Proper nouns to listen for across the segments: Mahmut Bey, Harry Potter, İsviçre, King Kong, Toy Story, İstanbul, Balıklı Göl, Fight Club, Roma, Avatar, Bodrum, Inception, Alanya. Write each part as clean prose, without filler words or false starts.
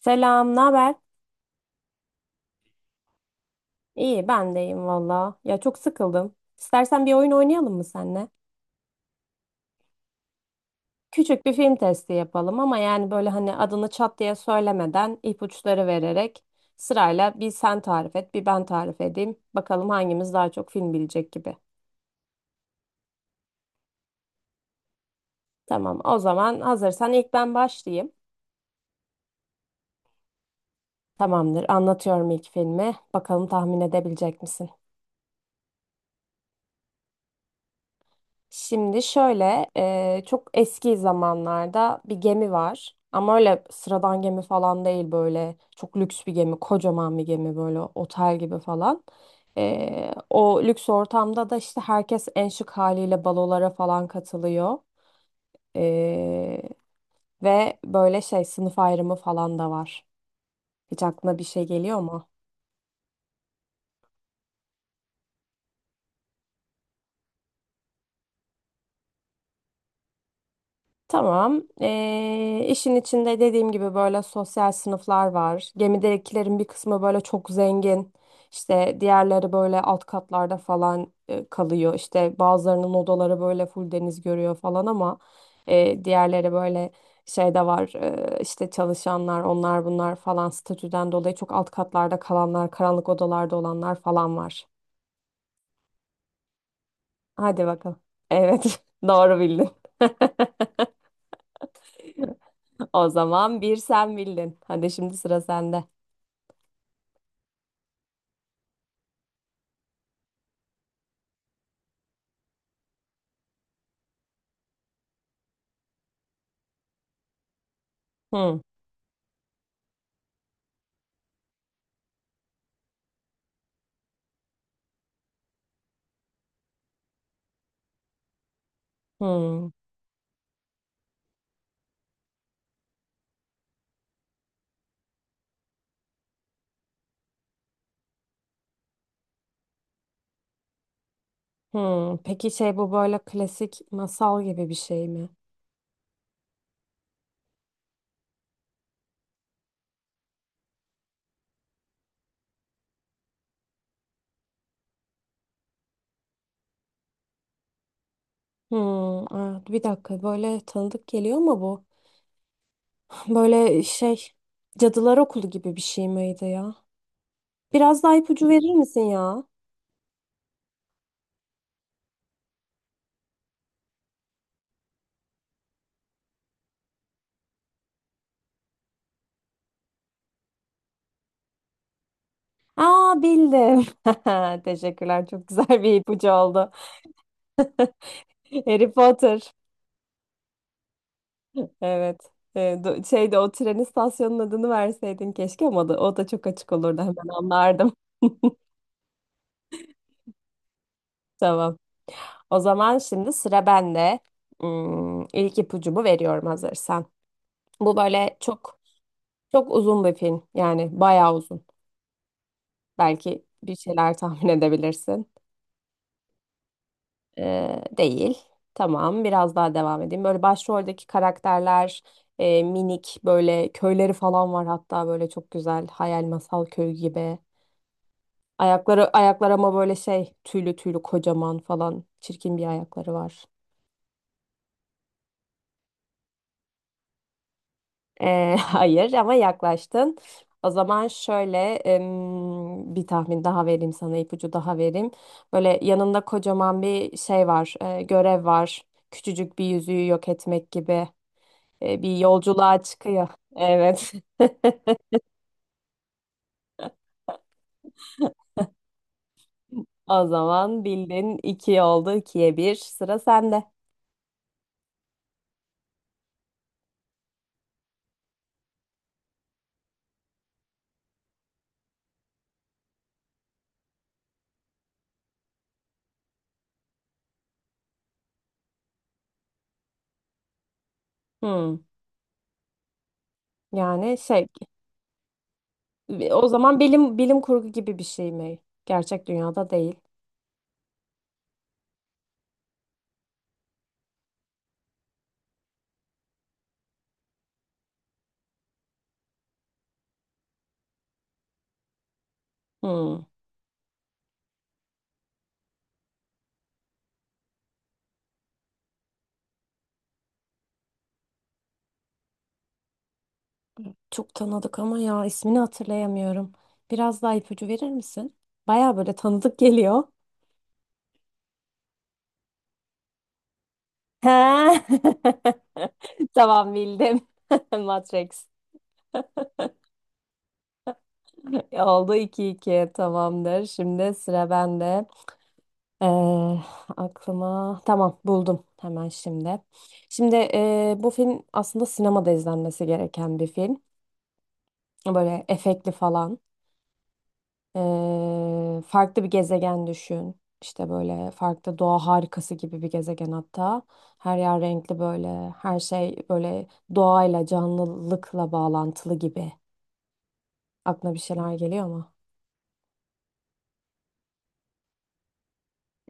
Selam, ne haber? İyi, ben de iyiyim valla. Ya çok sıkıldım. İstersen bir oyun oynayalım mı seninle? Küçük bir film testi yapalım ama yani böyle hani adını çat diye söylemeden ipuçları vererek sırayla bir sen tarif et, bir ben tarif edeyim. Bakalım hangimiz daha çok film bilecek gibi. Tamam, o zaman hazırsan ilk ben başlayayım. Tamamdır, anlatıyorum ilk filmi. Bakalım tahmin edebilecek misin? Şimdi şöyle çok eski zamanlarda bir gemi var. Ama öyle sıradan gemi falan değil, böyle çok lüks bir gemi, kocaman bir gemi böyle otel gibi falan. O lüks ortamda da işte herkes en şık haliyle balolara falan katılıyor. E, Ve böyle şey, sınıf ayrımı falan da var. Hiç aklına bir şey geliyor mu? Tamam. İşin içinde dediğim gibi böyle sosyal sınıflar var. Gemidekilerin bir kısmı böyle çok zengin. İşte diğerleri böyle alt katlarda falan kalıyor. İşte bazılarının odaları böyle full deniz görüyor falan ama diğerleri böyle şey de var. İşte çalışanlar, onlar bunlar falan statüden dolayı çok alt katlarda kalanlar, karanlık odalarda olanlar falan var. Hadi bakalım. Evet, doğru bildin. O zaman bir sen bildin. Hadi şimdi sıra sende. Hı hı hı. Peki şey, bu böyle klasik masal gibi bir şey mi? Hı, aa, bir dakika böyle tanıdık geliyor mu bu? Böyle şey, Cadılar Okulu gibi bir şey miydi ya? Biraz daha ipucu verir misin ya? Aa, bildim. Teşekkürler, çok güzel bir ipucu oldu. Harry Potter. Evet. Şeyde o tren istasyonunun adını verseydin keşke ama da, o da çok açık olurdu, hemen anlardım. Tamam. O zaman şimdi sıra bende. Hmm, ilk ipucumu veriyorum hazırsan. Bu böyle çok uzun bir film. Yani bayağı uzun. Belki bir şeyler tahmin edebilirsin. Değil. Tamam. Biraz daha devam edeyim. Böyle başroldeki karakterler minik böyle köyleri falan var, hatta böyle çok güzel hayal masal köy gibi. Ayaklar ama böyle şey tüylü tüylü kocaman falan çirkin bir ayakları var. Hayır ama yaklaştın. O zaman şöyle bir tahmin daha vereyim sana, ipucu daha vereyim. Böyle yanında kocaman bir şey var, görev var. Küçücük bir yüzüğü yok etmek gibi bir yolculuğa çıkıyor. Evet. O zaman bildin, iki oldu, ikiye bir. Sıra sende. Hmm. Yani şey, o zaman bilim kurgu gibi bir şey mi? Gerçek dünyada değil. Hmm. Çok tanıdık ama ya, ismini hatırlayamıyorum. Biraz daha ipucu verir misin? Baya böyle tanıdık geliyor. He. Tamam, bildim. Matrix. Oldu iki iki, tamamdır. Şimdi sıra bende. Ee, Aklıma, tamam, buldum hemen şimdi. Şimdi bu film aslında sinemada izlenmesi gereken bir film. Böyle efektli falan. Farklı bir gezegen düşün. İşte böyle farklı doğa harikası gibi bir gezegen hatta. Her yer renkli böyle. Her şey böyle doğayla, canlılıkla bağlantılı gibi. Aklına bir şeyler geliyor mu?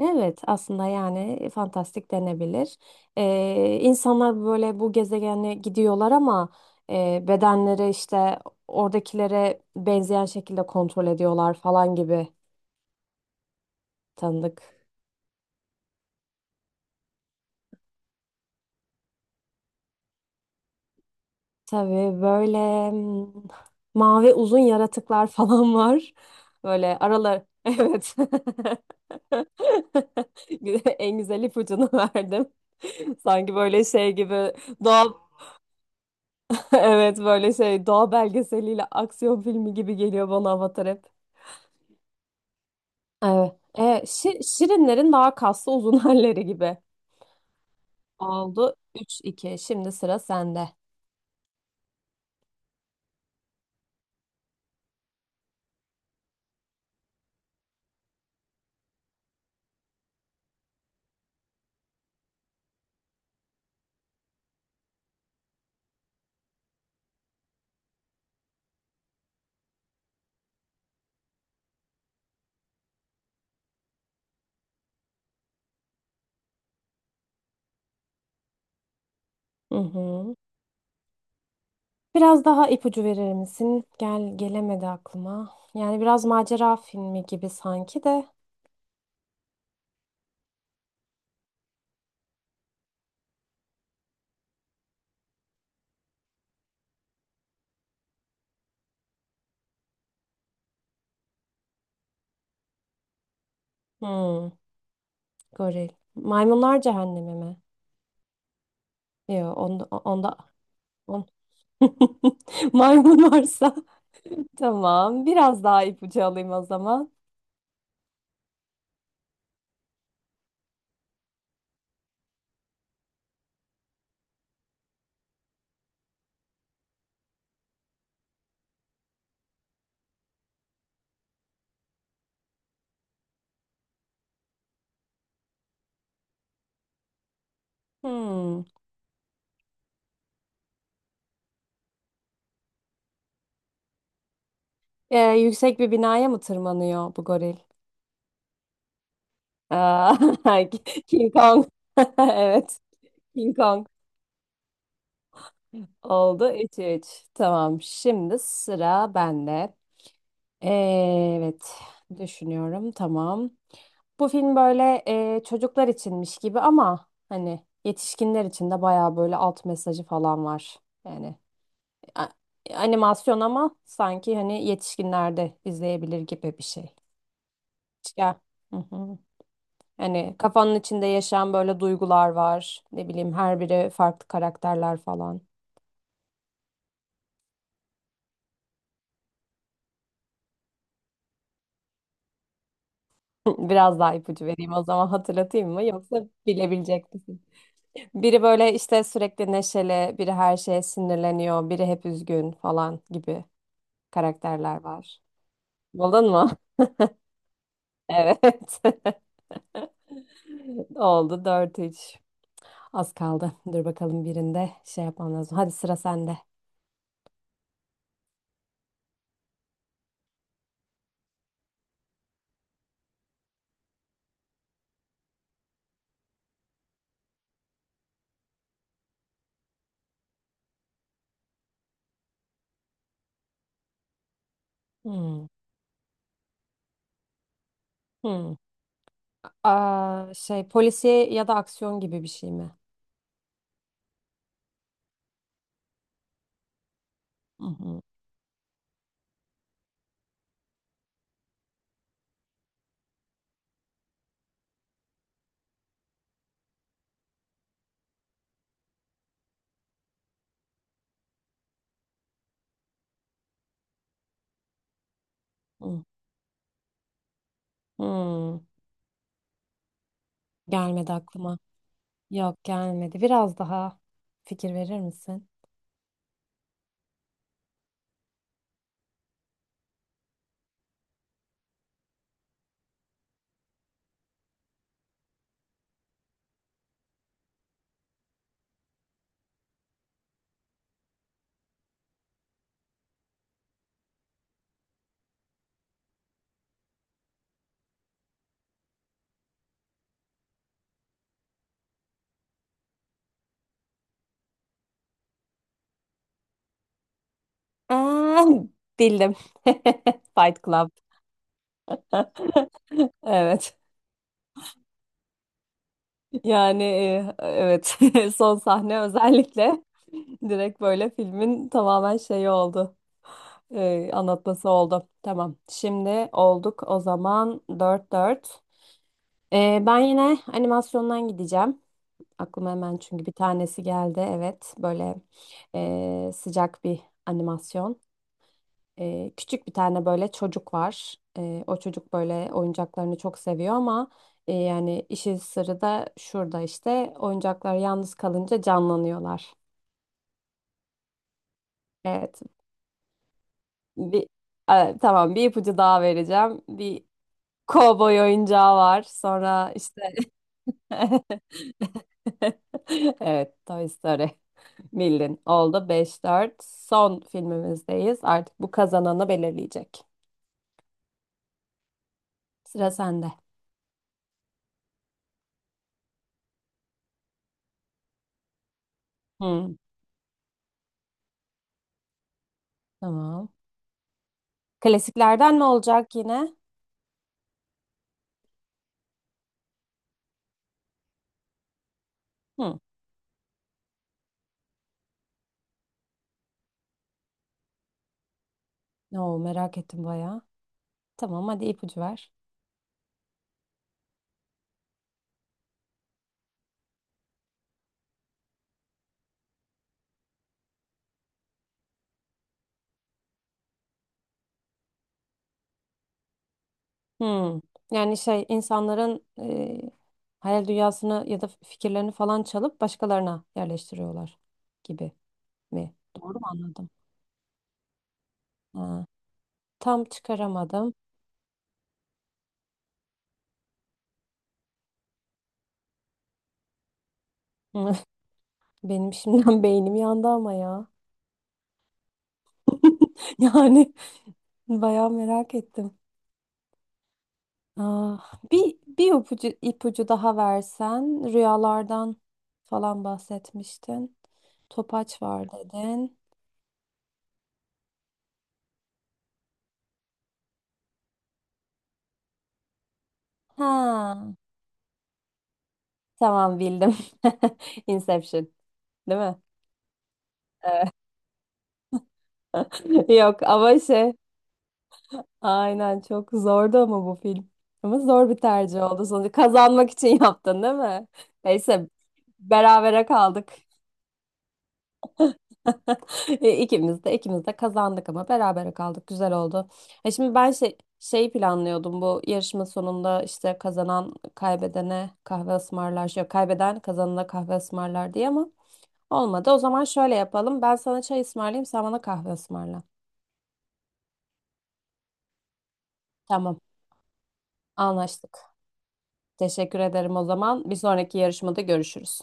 Evet, aslında yani fantastik denebilir. İnsanlar böyle bu gezegene gidiyorlar ama bedenleri işte oradakilere benzeyen şekilde kontrol ediyorlar falan gibi tanıdık. Tabii böyle mm, mavi uzun yaratıklar falan var. Böyle aralar. Evet. En güzel ipucunu verdim. Sanki böyle şey gibi doğa evet böyle şey, doğa belgeseliyle aksiyon filmi gibi geliyor bana Avatar hep. Evet. Şi- şirinlerin daha kaslı uzun halleri gibi. Oldu 3-2. Şimdi sıra sende. Hı hı. Biraz daha ipucu verir misin? Gelemedi aklıma. Yani biraz macera filmi gibi sanki de. Hmm, goril. Maymunlar Cehennemi mi? Yok, onda on. Maymun varsa. Tamam. Biraz daha ipucu alayım o zaman. Hmm. Yüksek bir binaya mı tırmanıyor bu goril? Aa, King Kong. Evet. King Kong oldu. 3-3. Tamam. Şimdi sıra bende. Evet. Düşünüyorum. Tamam. Bu film böyle çocuklar içinmiş gibi ama hani yetişkinler için de bayağı böyle alt mesajı falan var. Yani a- animasyon ama sanki hani yetişkinler de izleyebilir gibi bir şey. Ya. Hı hı. Hani kafanın içinde yaşayan böyle duygular var. Ne bileyim, her biri farklı karakterler falan. Biraz daha ipucu vereyim o zaman, hatırlatayım mı yoksa bilebilecek misin? Biri böyle işte sürekli neşeli, biri her şeye sinirleniyor, biri hep üzgün falan gibi karakterler var. Buldun mu? Evet. Oldu dört üç. Az kaldı. Dur bakalım, birinde şey yapmam lazım. Hadi sıra sende. Hmm, hmm. Aa, şey, polisiye ya da aksiyon gibi bir şey mi? Hı hı, hı. Hmm, gelmedi aklıma. Yok, gelmedi. Biraz daha fikir verir misin? Aa, bildim. Fight Club. Evet. Yani evet. Son sahne özellikle direkt böyle filmin tamamen şeyi oldu. Anlatması oldu. Tamam. Şimdi olduk o zaman, dört dört. Ben yine animasyondan gideceğim. Aklıma hemen çünkü bir tanesi geldi. Evet, böyle sıcak bir animasyon. Küçük bir tane böyle çocuk var. O çocuk böyle oyuncaklarını çok seviyor ama yani işin sırrı da şurada, işte oyuncaklar yalnız kalınca canlanıyorlar. Evet, bir tamam, bir ipucu daha vereceğim. Bir kovboy oyuncağı var. Sonra işte Evet, Toy Story. Bildin. Oldu beş dört. Son filmimizdeyiz. Artık bu kazananı belirleyecek. Sıra sende. Hı, tamam. Klasiklerden ne olacak yine? Hı. Oo, merak ettim bayağı. Tamam, hadi ipucu ver. Hı. Yani şey, insanların hayal dünyasını ya da fikirlerini falan çalıp başkalarına yerleştiriyorlar gibi mi? Doğru mu anladım? Ha. Tam çıkaramadım. Benim şimdiden beynim yandı ama ya. Yani bayağı merak ettim. Aa, bir ipucu daha versen, rüyalardan falan bahsetmiştin. Topaç var dedin. Ha, tamam, bildim. Inception, değil mi? Yok ama şey, aynen çok zordu ama bu film. Ama zor bir tercih oldu sonuçta. Kazanmak için yaptın değil mi? Neyse, berabere kaldık. E, İkimiz de kazandık ama berabere kaldık. Güzel oldu. E şimdi ben şey planlıyordum, bu yarışma sonunda işte kazanan kaybedene kahve ısmarlar. Yok, kaybeden kazanana kahve ısmarlar diye ama olmadı. O zaman şöyle yapalım. Ben sana çay ısmarlayayım, sen bana kahve ısmarla. Tamam, anlaştık. Teşekkür ederim o zaman. Bir sonraki yarışmada görüşürüz.